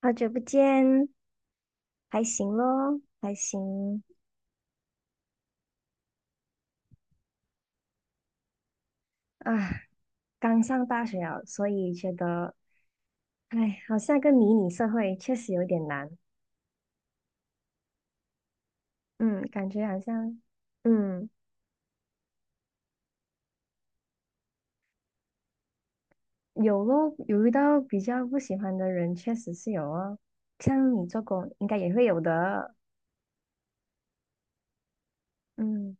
好久不见，还行咯，还行啊。刚上大学啊，所以觉得，哎，好像个迷你社会，确实有点难。嗯，感觉好像，嗯，有咯，有遇到比较不喜欢的人，确实是有哦。像你做工，应该也会有的。嗯，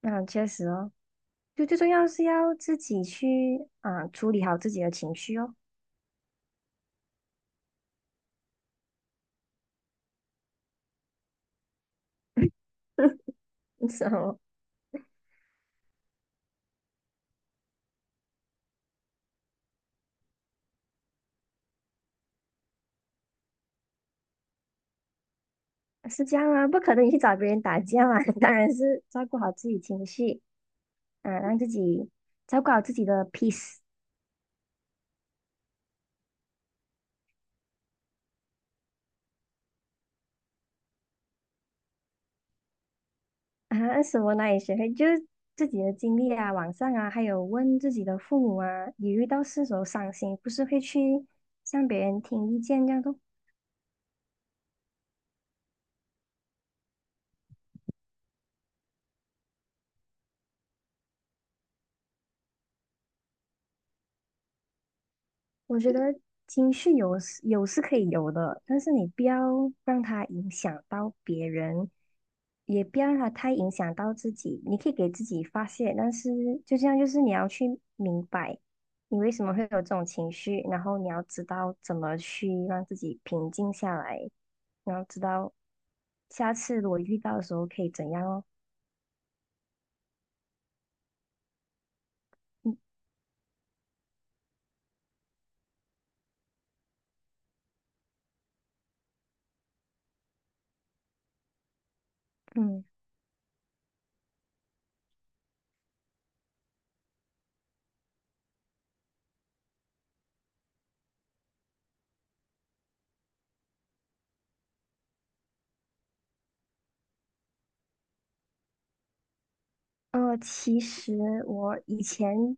那、确实哦，就最重要是要自己去啊、处理好自己的情绪哦。是哦，是这样啊，不可能你去找别人打架嘛，当然是照顾好自己情绪。啊，让自己照顾好自己的 peace。 啊，什么哪里学会，就是自己的经历啊，网上啊，还有问自己的父母啊，你遇到事时候伤心，不是会去向别人听意见这样的。我觉得情绪有是可以有的，但是你不要让它影响到别人，也不要让它太影响到自己。你可以给自己发泄，但是就这样，就是你要去明白你为什么会有这种情绪，然后你要知道怎么去让自己平静下来，然后知道下次我遇到的时候可以怎样哦。嗯嗯。其实我以前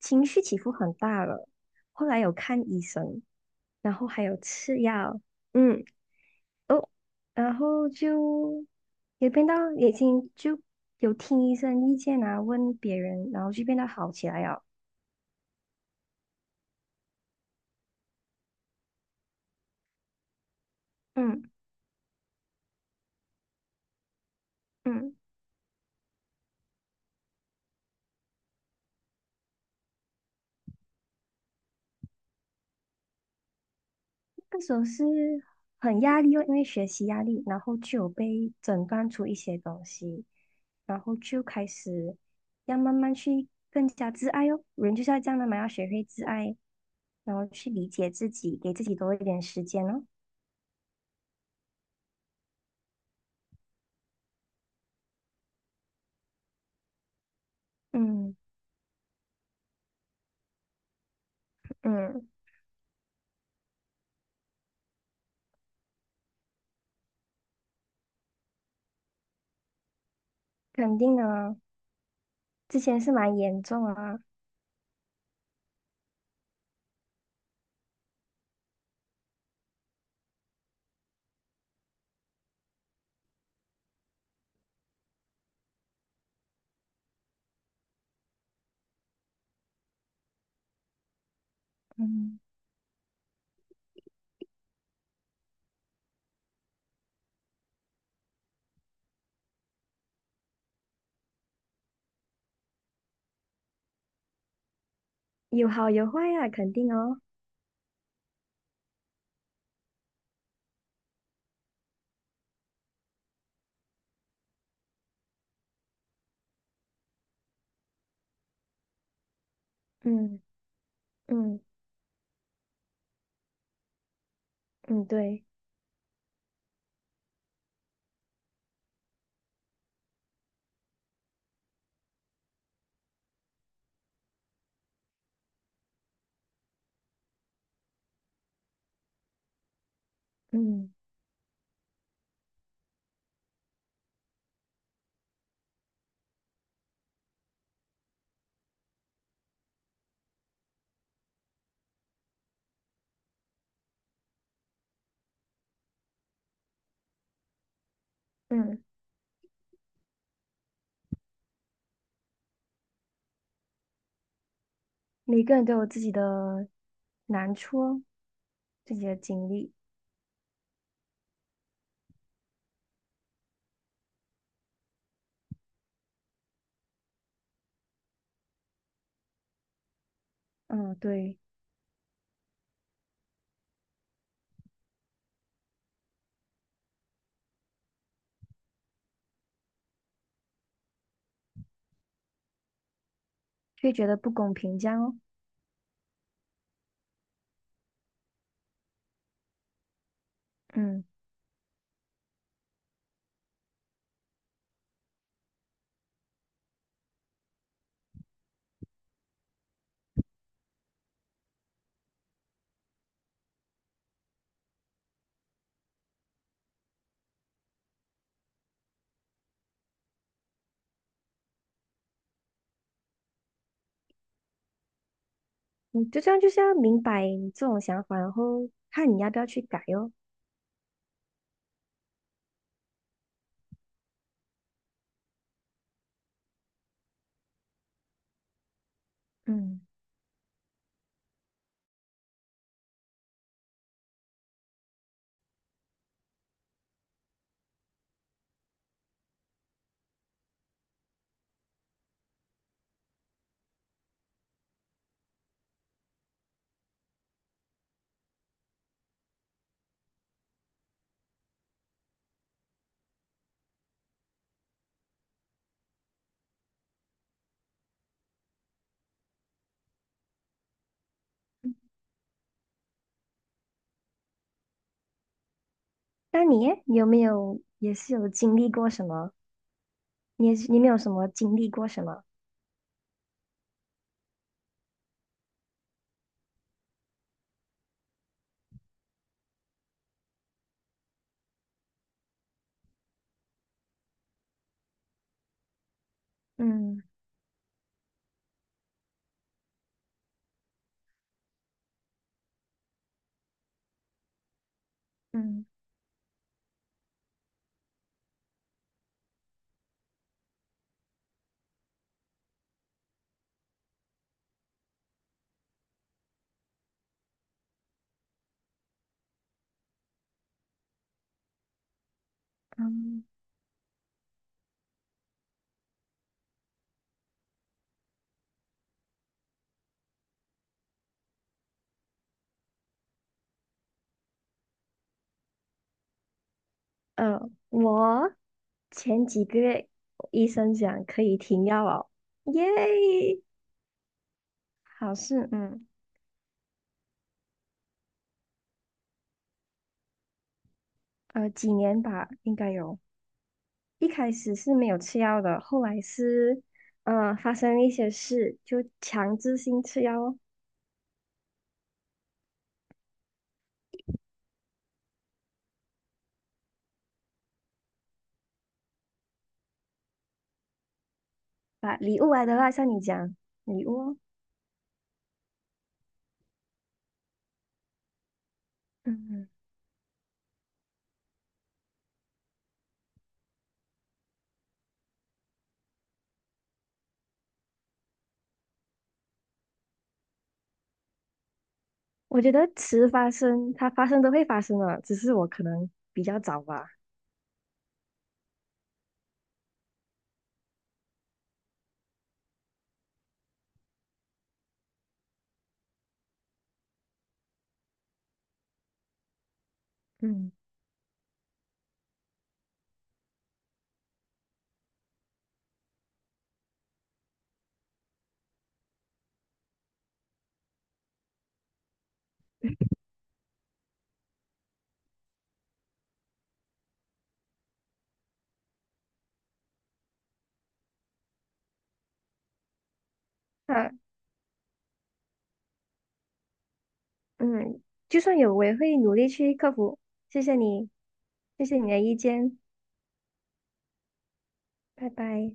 情绪起伏很大了，后来有看医生，然后还有吃药，嗯，哦，然后就也变到已经就有听医生意见啊，问别人，然后就变得好起来了。嗯嗯。那时候是很压力哦，因为学习压力，然后就有被诊断出一些东西，然后就开始要慢慢去更加自爱哦。人就是要这样的嘛，要学会自爱，然后去理解自己，给自己多一点时间哦。嗯嗯，肯定啊，之前是蛮严重啊，嗯，有好有坏啊，肯定哦。嗯嗯嗯，对，嗯嗯，每个人都有自己的难处哦，自己的经历。嗯，对，会觉得不公平这样哦。嗯，你就这样就是要明白你这种想法，然后看你要不要去改哦。嗯，那你有没有也是有经历过什么？你也是你没有什么经历过什么？嗯嗯嗯，我前几个月医生讲可以停药哦，耶，好事，嗯，几年吧，应该有。一开始是没有吃药的，后来是，发生了一些事，就强制性吃药哦，把礼物来的话，像你讲礼物哦，嗯，我觉得迟发生，它发生都会发生的，只是我可能比较早吧。嗯，啊，嗯，就算有，我也会努力去克服。谢谢你，谢谢你的意见，拜拜。